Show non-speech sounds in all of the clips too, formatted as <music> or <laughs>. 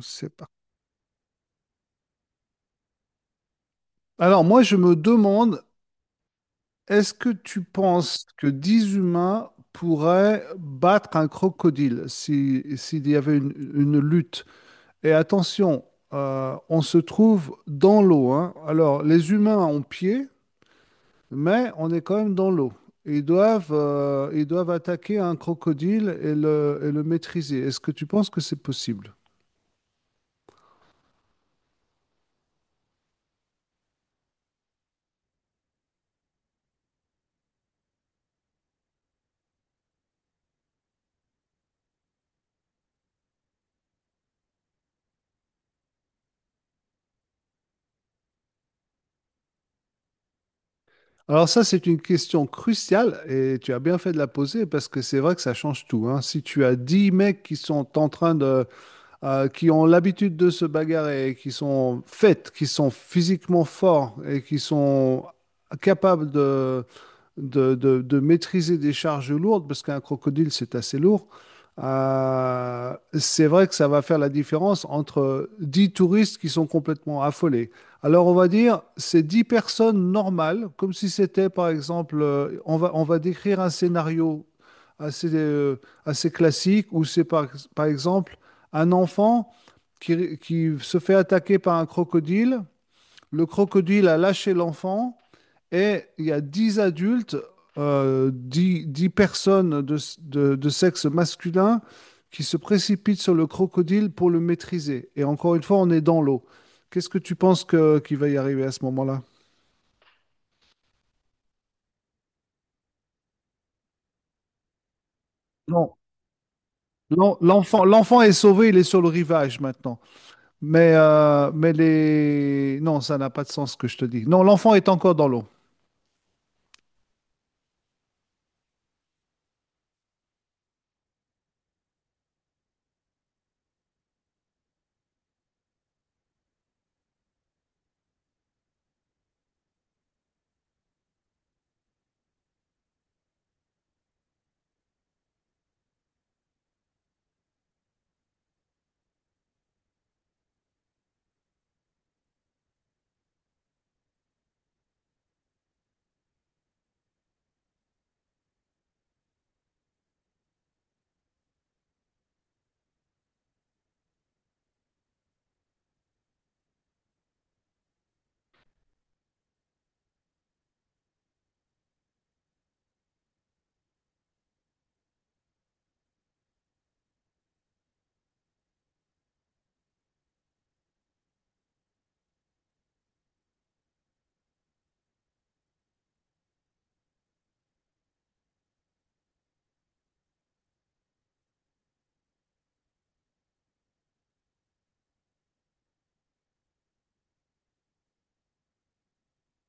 C'est pas. Alors moi, je me demande, est-ce que tu penses que 10 humains pourraient battre un crocodile si, s'il y avait une lutte? Et attention, on se trouve dans l'eau, hein. Alors les humains ont pied, mais on est quand même dans l'eau. Ils doivent attaquer un crocodile et le maîtriser. Est-ce que tu penses que c'est possible? Alors ça, c'est une question cruciale et tu as bien fait de la poser parce que c'est vrai que ça change tout, hein. Si tu as 10 mecs qui sont en train de, Qui ont l'habitude de se bagarrer, qui sont faites, qui sont physiquement forts et qui sont capables de maîtriser des charges lourdes, parce qu'un crocodile, c'est assez lourd. C'est vrai que ça va faire la différence entre 10 touristes qui sont complètement affolés. Alors on va dire, c'est 10 personnes normales, comme si c'était, par exemple, on va décrire un scénario assez, euh, assez classique où par exemple un enfant qui se fait attaquer par un crocodile. Le crocodile a lâché l'enfant et il y a 10 adultes, 10 10 personnes de sexe masculin qui se précipitent sur le crocodile pour le maîtriser. Et encore une fois, on est dans l'eau. Qu'est-ce que tu penses que, qu'il va y arriver à ce moment-là? Non. L'enfant, l'enfant est sauvé, il est sur le rivage maintenant. Mais les... Non, ça n'a pas de sens ce que je te dis. Non, l'enfant est encore dans l'eau.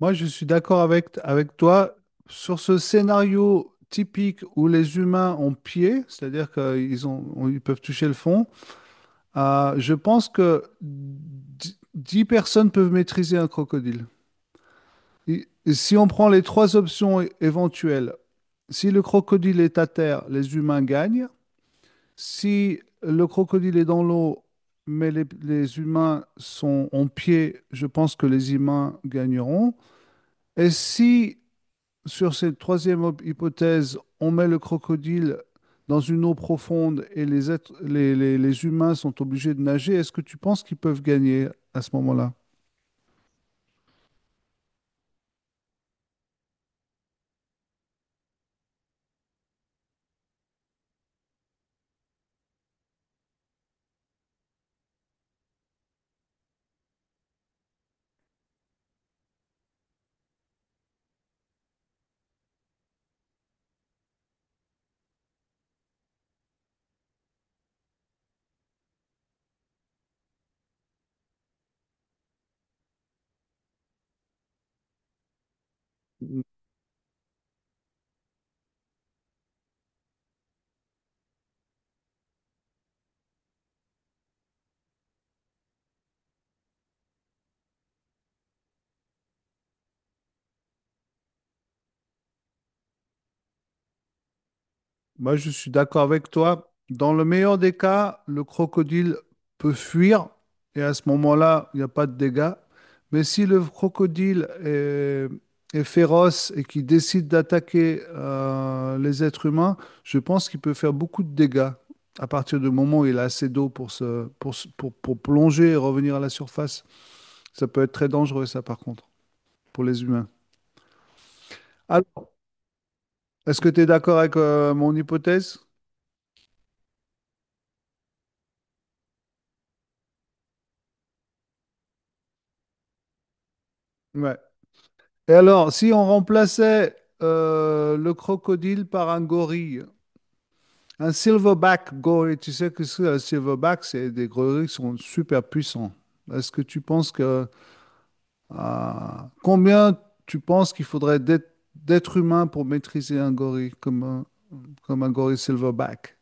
Moi, je suis d'accord avec toi sur ce scénario typique où les humains ont pied, c'est-à-dire qu'ils ils peuvent toucher le fond. Je pense que dix personnes peuvent maîtriser un crocodile. Et si on prend les trois options éventuelles, si le crocodile est à terre, les humains gagnent. Si le crocodile est dans l'eau, mais les humains sont en pied, je pense que les humains gagneront. Et si Sur cette hypothèse, on met le crocodile dans une eau profonde et les êtres- les humains sont obligés de nager. Est-ce que tu penses qu'ils peuvent gagner à ce moment-là? Moi, je suis d'accord avec toi. Dans le meilleur des cas, le crocodile peut fuir et à ce moment-là, il n'y a pas de dégâts. Mais si le crocodile est, est féroce et qu'il décide d'attaquer les êtres humains, je pense qu'il peut faire beaucoup de dégâts à partir du moment où il a assez d'eau pour pour plonger et revenir à la surface. Ça peut être très dangereux, ça, par contre, pour les humains. Alors, est-ce que tu es d'accord avec mon hypothèse? Ouais. Et alors, si on remplaçait le crocodile par un gorille, un silverback gorille, tu sais que c'est un silverback, c'est des gorilles qui sont super puissants. Est-ce que tu penses que euh, combien tu penses qu'il faudrait d'être humain pour maîtriser un gorille comme un gorille silverback?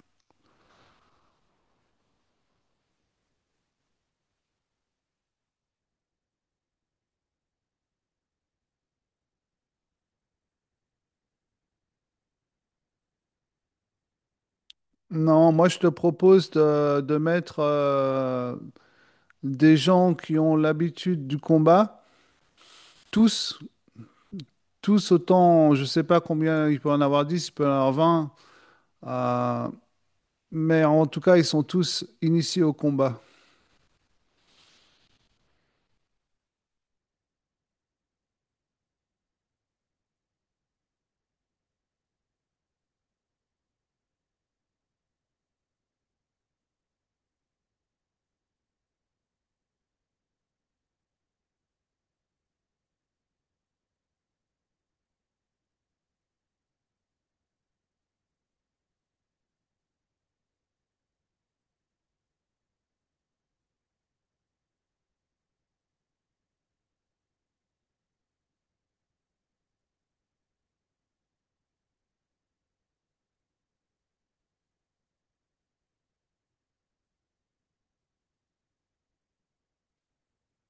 Non, moi je te propose de mettre des gens qui ont l'habitude du combat, tous tous autant, je ne sais pas combien il peut en avoir 10, il peut en avoir 20, euh, mais en tout cas, ils sont tous initiés au combat.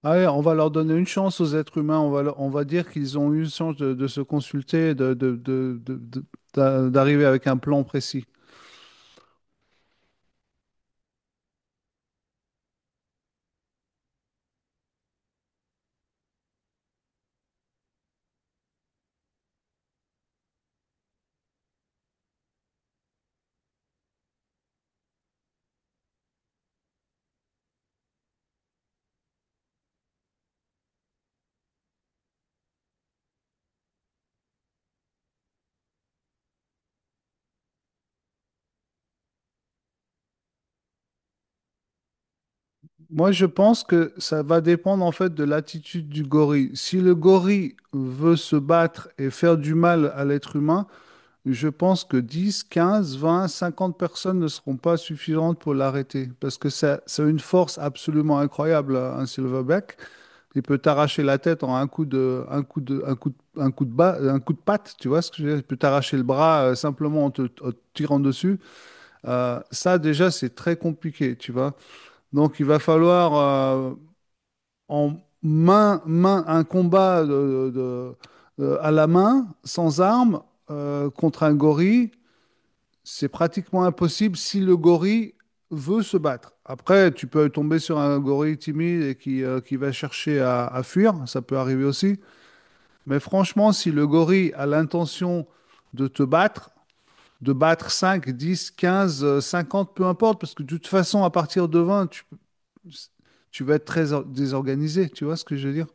Allez, on va leur donner une chance aux êtres humains, on va dire qu'ils ont eu une chance de se consulter, de- d'a- d'arriver avec un plan précis. Moi, je pense que ça va dépendre en fait de l'attitude du gorille. Si le gorille veut se battre et faire du mal à l'être humain, je pense que 10, 15, 20, 50 personnes ne seront pas suffisantes pour l'arrêter parce que ça a une force absolument incroyable, un silverback. Il peut t'arracher la tête en un coup de, un coup de, un coup de, un coup de bas, un coup de patte, tu vois ce que je veux dire? Il peut t'arracher le bras simplement en en te tirant dessus. Ça, déjà, c'est très compliqué, tu vois. Donc, il va falloir en main, main, un combat de- à la main, sans armes, contre un gorille, c'est pratiquement impossible si le gorille veut se battre. Après, tu peux tomber sur un gorille timide qui va chercher à fuir, ça peut arriver aussi. Mais franchement, si le gorille a l'intention de te battre, de battre 5, 10, 15, 50, peu importe, parce que de toute façon, à partir de 20, tu vas être très désorganisé, tu vois ce que je veux dire?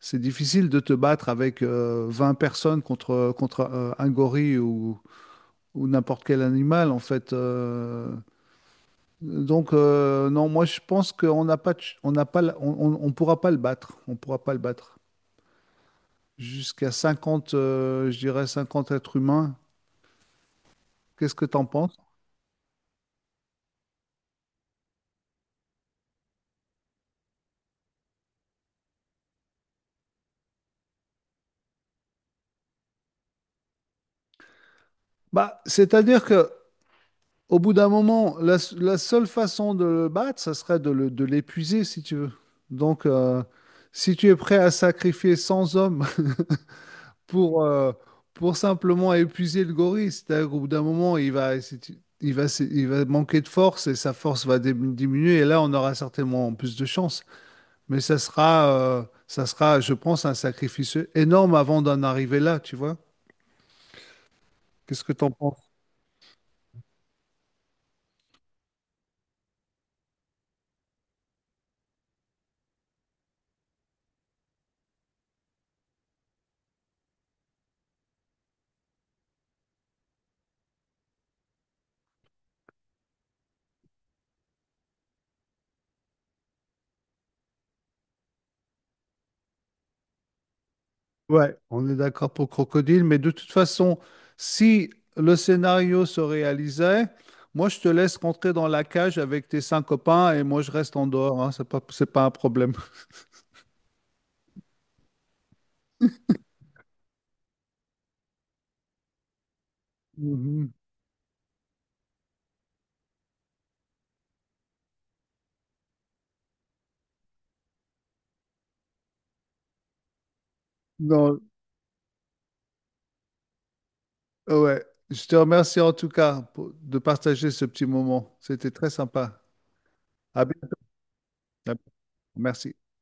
C'est difficile de te battre avec 20 personnes contre un gorille ou n'importe quel animal, en fait. Non, moi, je pense qu'on n'a pas, de ch- on n'a pas on pourra pas le battre. On pourra pas le battre. Jusqu'à 50, je dirais 50 êtres humains. Qu'est-ce que tu en penses? Bah, c'est-à-dire que au bout d'un moment, la seule façon de le battre, ça serait de l'épuiser, si tu veux. Donc, si tu es prêt à sacrifier 100 hommes pour, euh, pour simplement épuiser le gorille. C'est-à-dire qu'au bout d'un moment, il va manquer de force et sa force va diminuer. Et là, on aura certainement plus de chance. Mais ça sera, je pense, un sacrifice énorme avant d'en arriver là, tu vois? Qu'est-ce que tu en penses? Ouais, on est d'accord pour Crocodile, mais de toute façon, si le scénario se réalisait, moi je te laisse rentrer dans la cage avec tes cinq copains et moi je reste en dehors, hein, c'est pas un problème. <laughs> Mhm. Non, ouais, je te remercie en tout cas de partager ce petit moment. C'était très sympa. À bientôt. Merci.